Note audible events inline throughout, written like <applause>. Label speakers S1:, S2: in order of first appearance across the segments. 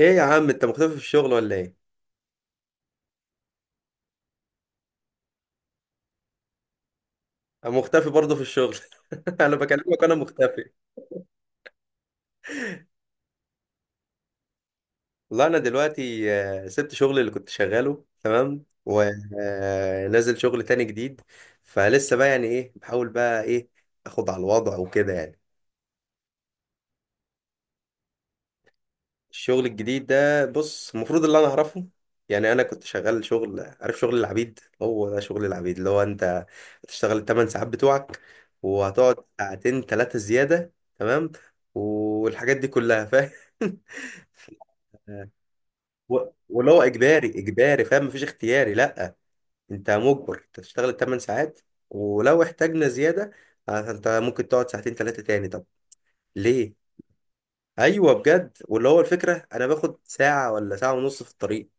S1: ايه يا عم، انت مختفي في الشغل ولا ايه؟ انا مختفي برضه في الشغل. <laughs> انا بكلمك وانا مختفي. والله انا دلوقتي سبت شغلي اللي كنت شغاله تمام، ونازل شغل تاني جديد. فلسه بقى، يعني ايه، بحاول بقى ايه اخد على الوضع وكده يعني. الشغل الجديد ده، بص، المفروض اللي انا اعرفه، يعني انا كنت شغال شغل، عارف، شغل العبيد. هو ده شغل العبيد، اللي هو انت هتشتغل الثمان ساعات بتوعك، وهتقعد ساعتين ثلاثة زيادة، تمام، والحاجات دي كلها فاهم. <laughs> و- واللي هو اجباري اجباري، فاهم، مفيش اختياري، لا، انت مجبر تشتغل الثمان ساعات، ولو احتاجنا زيادة انت ممكن تقعد ساعتين ثلاثة تاني. طب ليه؟ ايوه بجد، واللي هو الفكره، انا باخد ساعه ولا ساعه ونص في الطريق،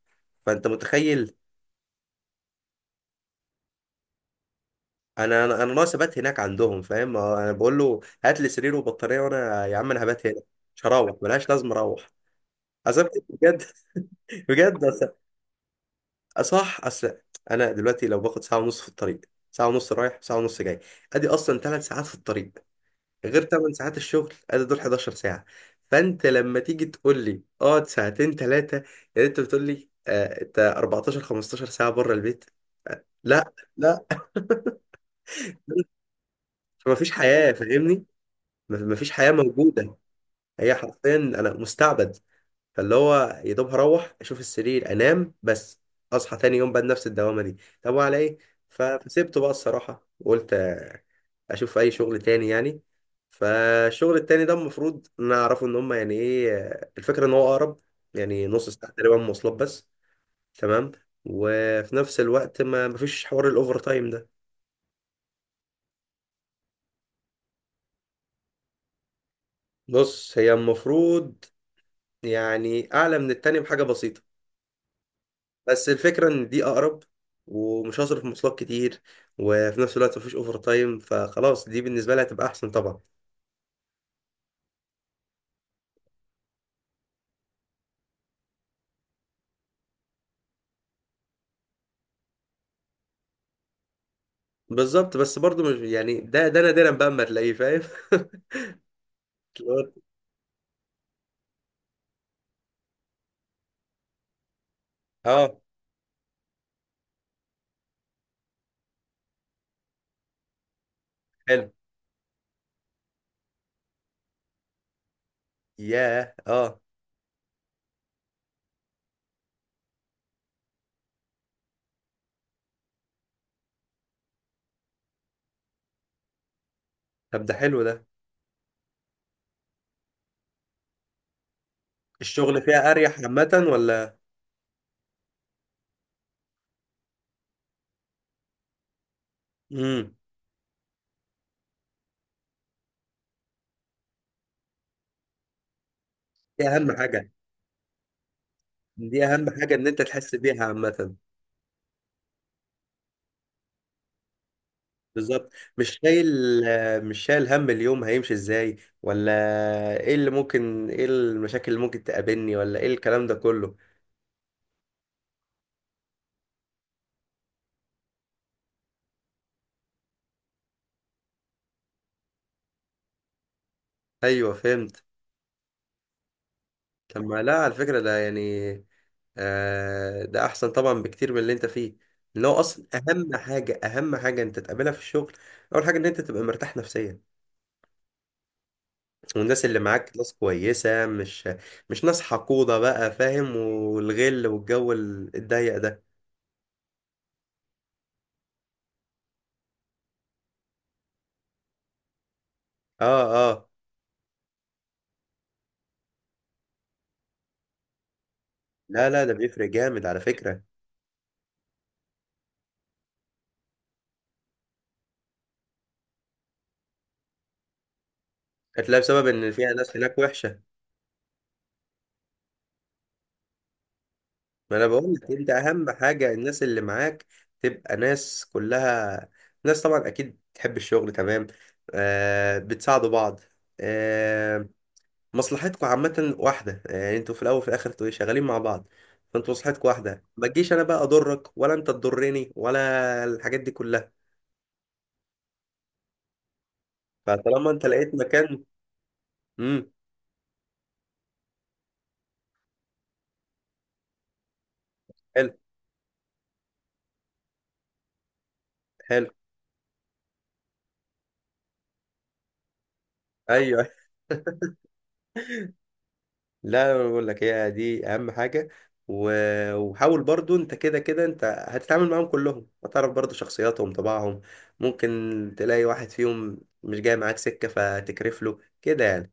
S1: فانت متخيل. انا ناقص ابات هناك عندهم، فاهم؟ انا بقول له، هات لي سرير وبطاريه، وانا يا عم انا هبات هنا، مش هروح، ملهاش لازم اروح. عذبت بجد. <laughs> بجد صح، اصل انا دلوقتي لو باخد ساعه ونص في الطريق، ساعه ونص رايح ساعه ونص جاي، ادي اصلا 3 ساعات في الطريق، غير 8 ساعات الشغل، ادي دول 11 ساعة. فانت لما تيجي تقول لي اقعد ساعتين ثلاثة، يعني انت بتقول لي انت 14 15 ساعة بره البيت. لا لا. فمفيش حياة، فاهمني؟ مفيش حياة موجودة. هي حرفيا انا مستعبد. فاللي هو يا دوب هروح اشوف السرير انام بس، اصحى تاني يوم بقى نفس الدوامه دي. طب وعلى ايه؟ فسيبته بقى الصراحه وقلت اشوف اي شغل تاني يعني. فالشغل التاني ده المفروض نعرفه ان هم يعني ايه، الفكره ان هو اقرب، يعني نص ساعه تقريبا مواصلات بس، تمام، وفي نفس الوقت ما مفيش حوار الاوفر تايم ده. بص، هي المفروض يعني اعلى من التاني بحاجه بسيطه، بس الفكرة إن دي أقرب، ومش هصرف مواصلات كتير، وفي نفس الوقت مفيش أوفر تايم، فخلاص دي بالنسبة لي هتبقى أحسن طبعا. بالظبط، بس برضو مش يعني ده نادرا بقى أما تلاقيه، فاهم. <laughs> اللي هو- اه، حلو، ياه اه. طب ده حلو ده. الشغل فيها أريح عامة ولا؟ امم. دي أهم حاجة. دي أهم حاجة إن أنت تحس بيها عامة. بالظبط. مش شايل مش شايل هم اليوم هيمشي ازاي، ولا ايه اللي ممكن، ايه المشاكل اللي ممكن تقابلني، ولا ايه الكلام ده كله. ايوه فهمت. طب ما لا، على فكرة ده يعني ده احسن طبعا بكتير من اللي انت فيه. ان هو اصلا اهم حاجة، اهم حاجة انت تقابلها في الشغل، اول حاجة ان انت تبقى مرتاح نفسيا، والناس اللي معاك ناس كويسة، مش ناس حقودة بقى، فاهم، والغل والجو الضيق ده. اه اه. لا لا، ده بيفرق جامد على فكرة. هتلاقي بسبب ان فيها ناس هناك وحشه. ما انا بقول لك، انت اهم حاجه الناس اللي معاك تبقى ناس كلها، ناس طبعا اكيد تحب الشغل، تمام، آه، بتساعدوا بعض، آه، مصلحتكم عامه واحده، يعني انتوا في الاول وفي الاخر انتوا شغالين مع بعض. فانتوا مصلحتكم واحده، ما تجيش انا بقى اضرك، ولا انت تضرني، ولا الحاجات دي كلها. فطالما انت لقيت مكان. امم. حلو، حلو، ايوه. لا انا بقول لك، هي دي اهم حاجه. وحاول برضو انت، كده كده انت هتتعامل معاهم كلهم، هتعرف برضو شخصياتهم طباعهم. ممكن تلاقي واحد فيهم مش جاي معاك سكه، فتكرف له كده يعني.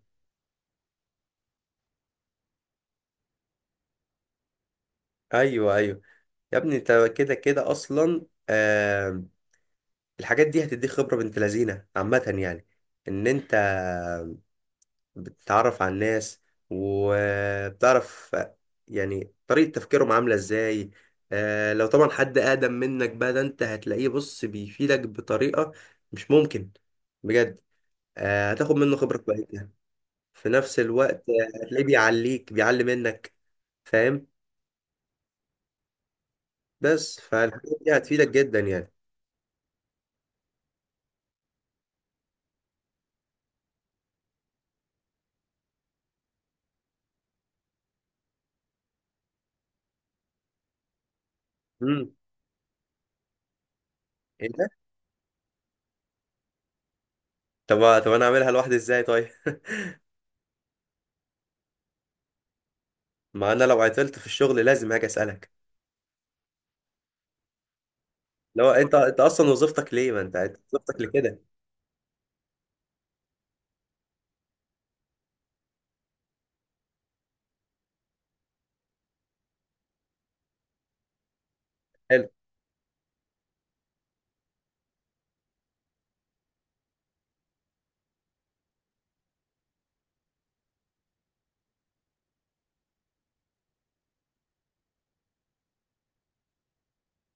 S1: ايوه ايوه. يا ابني انت كده كده اصلا الحاجات دي هتديك خبره بنت لذينه عامه، يعني ان انت بتتعرف على الناس، وبتعرف يعني طريقة تفكيرهم عاملة ازاي. لو طبعا حد أقدم منك بقى، ده انت هتلاقيه بص بيفيدك بطريقة مش ممكن، بجد. هتاخد منه خبرة كويسة. في نفس الوقت هتلاقيه بيعلي منك، فاهم. بس فالحاجات دي هتفيدك جدا يعني. امم، ايه ده؟ طب طب انا اعملها لوحدي ازاي طيب؟ <laughs> ما انا لو عطلت في الشغل لازم هاجي اسالك. لو انت اصلا وظيفتك ليه، ما انت أنت وظيفتك لكده. حلو.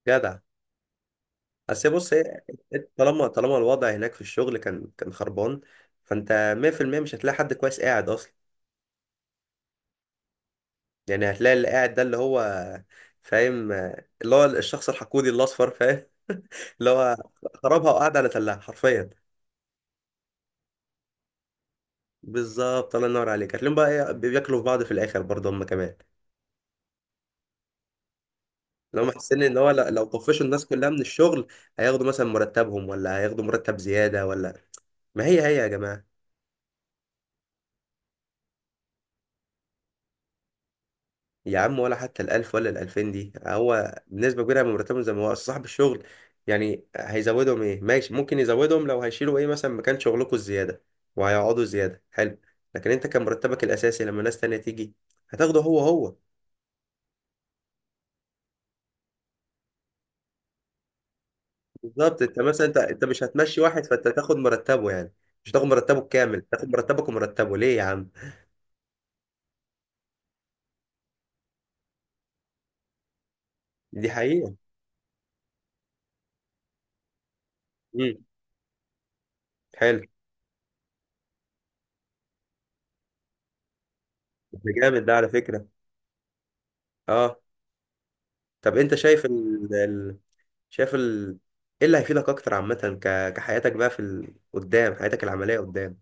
S1: جدع. بس بص، هي طالما الوضع هناك في الشغل كان خربان. فانت 100% مش هتلاقي حد كويس قاعد اصلا. يعني هتلاقي اللي قاعد ده اللي هو، فاهم، اللي هو الشخص الحقودي الاصفر، فاهم، اللي هو خربها وقاعد على تلاها حرفيا. بالظبط، الله ينور عليك. هتلاقيهم بقى بياكلوا في بعض في الاخر برضه هم كمان، لو محسين ان هو لو طفشوا الناس كلها من الشغل، هياخدوا مثلا مرتبهم، ولا هياخدوا مرتب زياده، ولا. ما هي هي يا جماعه. يا عم، ولا حتى الألف ولا الألفين دي هو بنسبة كبيرة من مرتبهم، زي ما هو أصل صاحب الشغل، يعني هيزودهم إيه؟ ماشي، ممكن يزودهم لو هيشيلوا، إيه، مثلا مكان شغلكوا الزيادة وهيقعدوا زيادة، حلو، لكن أنت كان مرتبك الأساسي لما ناس تانية تيجي هتاخده هو هو. بالظبط، أنت مثلا أنت مش هتمشي واحد فأنت تاخد مرتبه، يعني مش هتاخد مرتبه الكامل، تاخد مرتبك ومرتبه، ليه يا عم؟ دي حقيقة. امم. حلو ده، جامد ده على فكرة. أه. طب أنت شايف، شايف ال... ايه اللي هيفيدك اكتر عامة، كحياتك بقى في قدام، حياتك العملية قدام.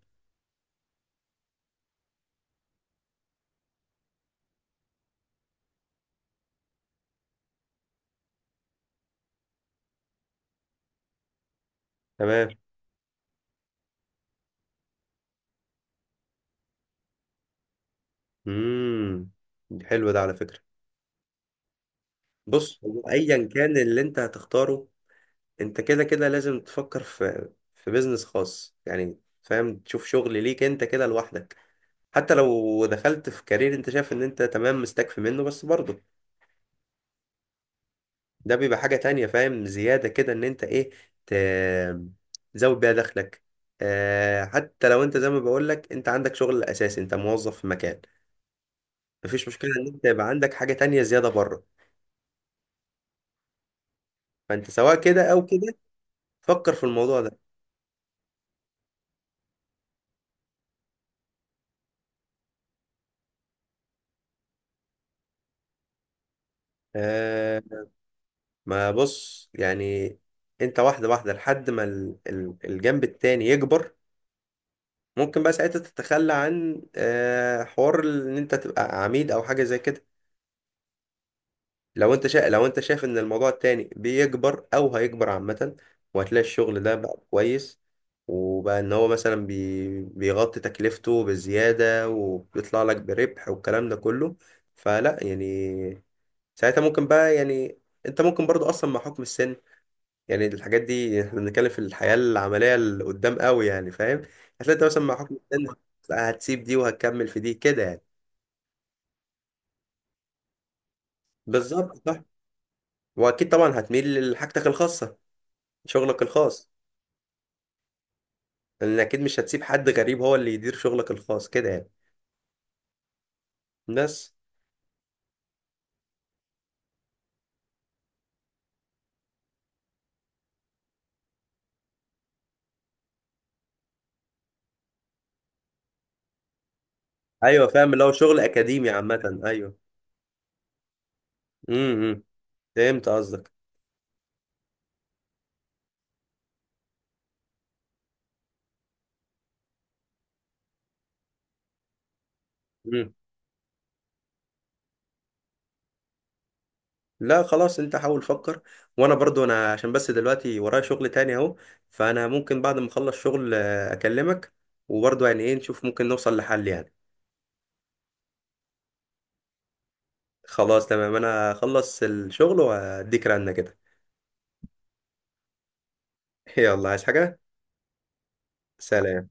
S1: تمام. امم. حلو ده على فكرة. بص، هو ايا كان اللي انت هتختاره، انت كده كده لازم تفكر في بيزنس خاص يعني، فاهم، تشوف شغل ليك انت كده لوحدك. حتى لو دخلت في كارير انت شايف ان انت تمام مستكفي منه، بس برضه ده بيبقى حاجة تانية، فاهم، زيادة كده ان انت ايه، ت... تزود بيها دخلك. حتى لو انت زي ما بقولك، انت عندك شغل اساسي، انت موظف في مكان، مفيش مشكلة ان انت يبقى عندك حاجة تانية زيادة بره. فانت سواء كده او كده، فكر في الموضوع ده. آه ما بص يعني، انت واحدة واحدة لحد ما الجنب التاني يكبر، ممكن بقى ساعتها تتخلى عن حوار ان انت تبقى عميد او حاجة زي كده. لو انت شايف ان الموضوع التاني بيكبر او هيكبر عامة، وهتلاقي الشغل ده بقى كويس، وبقى ان هو مثلا بيغطي تكلفته بزيادة وبيطلع لك بربح والكلام ده كله، فلا يعني ساعتها ممكن بقى، يعني انت ممكن برضو اصلا مع حكم السن، يعني الحاجات دي احنا بنتكلم في الحياة العملية اللي قدام قوي، يعني فاهم، هتلاقي انت مثلا مع حكم السن هتسيب دي وهتكمل في دي كده يعني. بالظبط، صح. واكيد طبعا هتميل لحاجتك الخاصة، شغلك الخاص، لان اكيد مش هتسيب حد غريب هو اللي يدير شغلك الخاص كده يعني. بس. ايوه فاهم، اللي هو شغل اكاديمي عامه، ايوه. امم، إمم. فهمت قصدك. امم. لا خلاص، انت حاول فكر، وانا برضو انا عشان بس دلوقتي ورايا شغل تاني اهو، فانا ممكن بعد ما اخلص شغل اكلمك، وبرضو يعني ايه نشوف ممكن نوصل لحل يعني. خلاص تمام، انا اخلص الشغل واديك رنة كده. <laughs> يلا، عايز حاجة؟ سلام.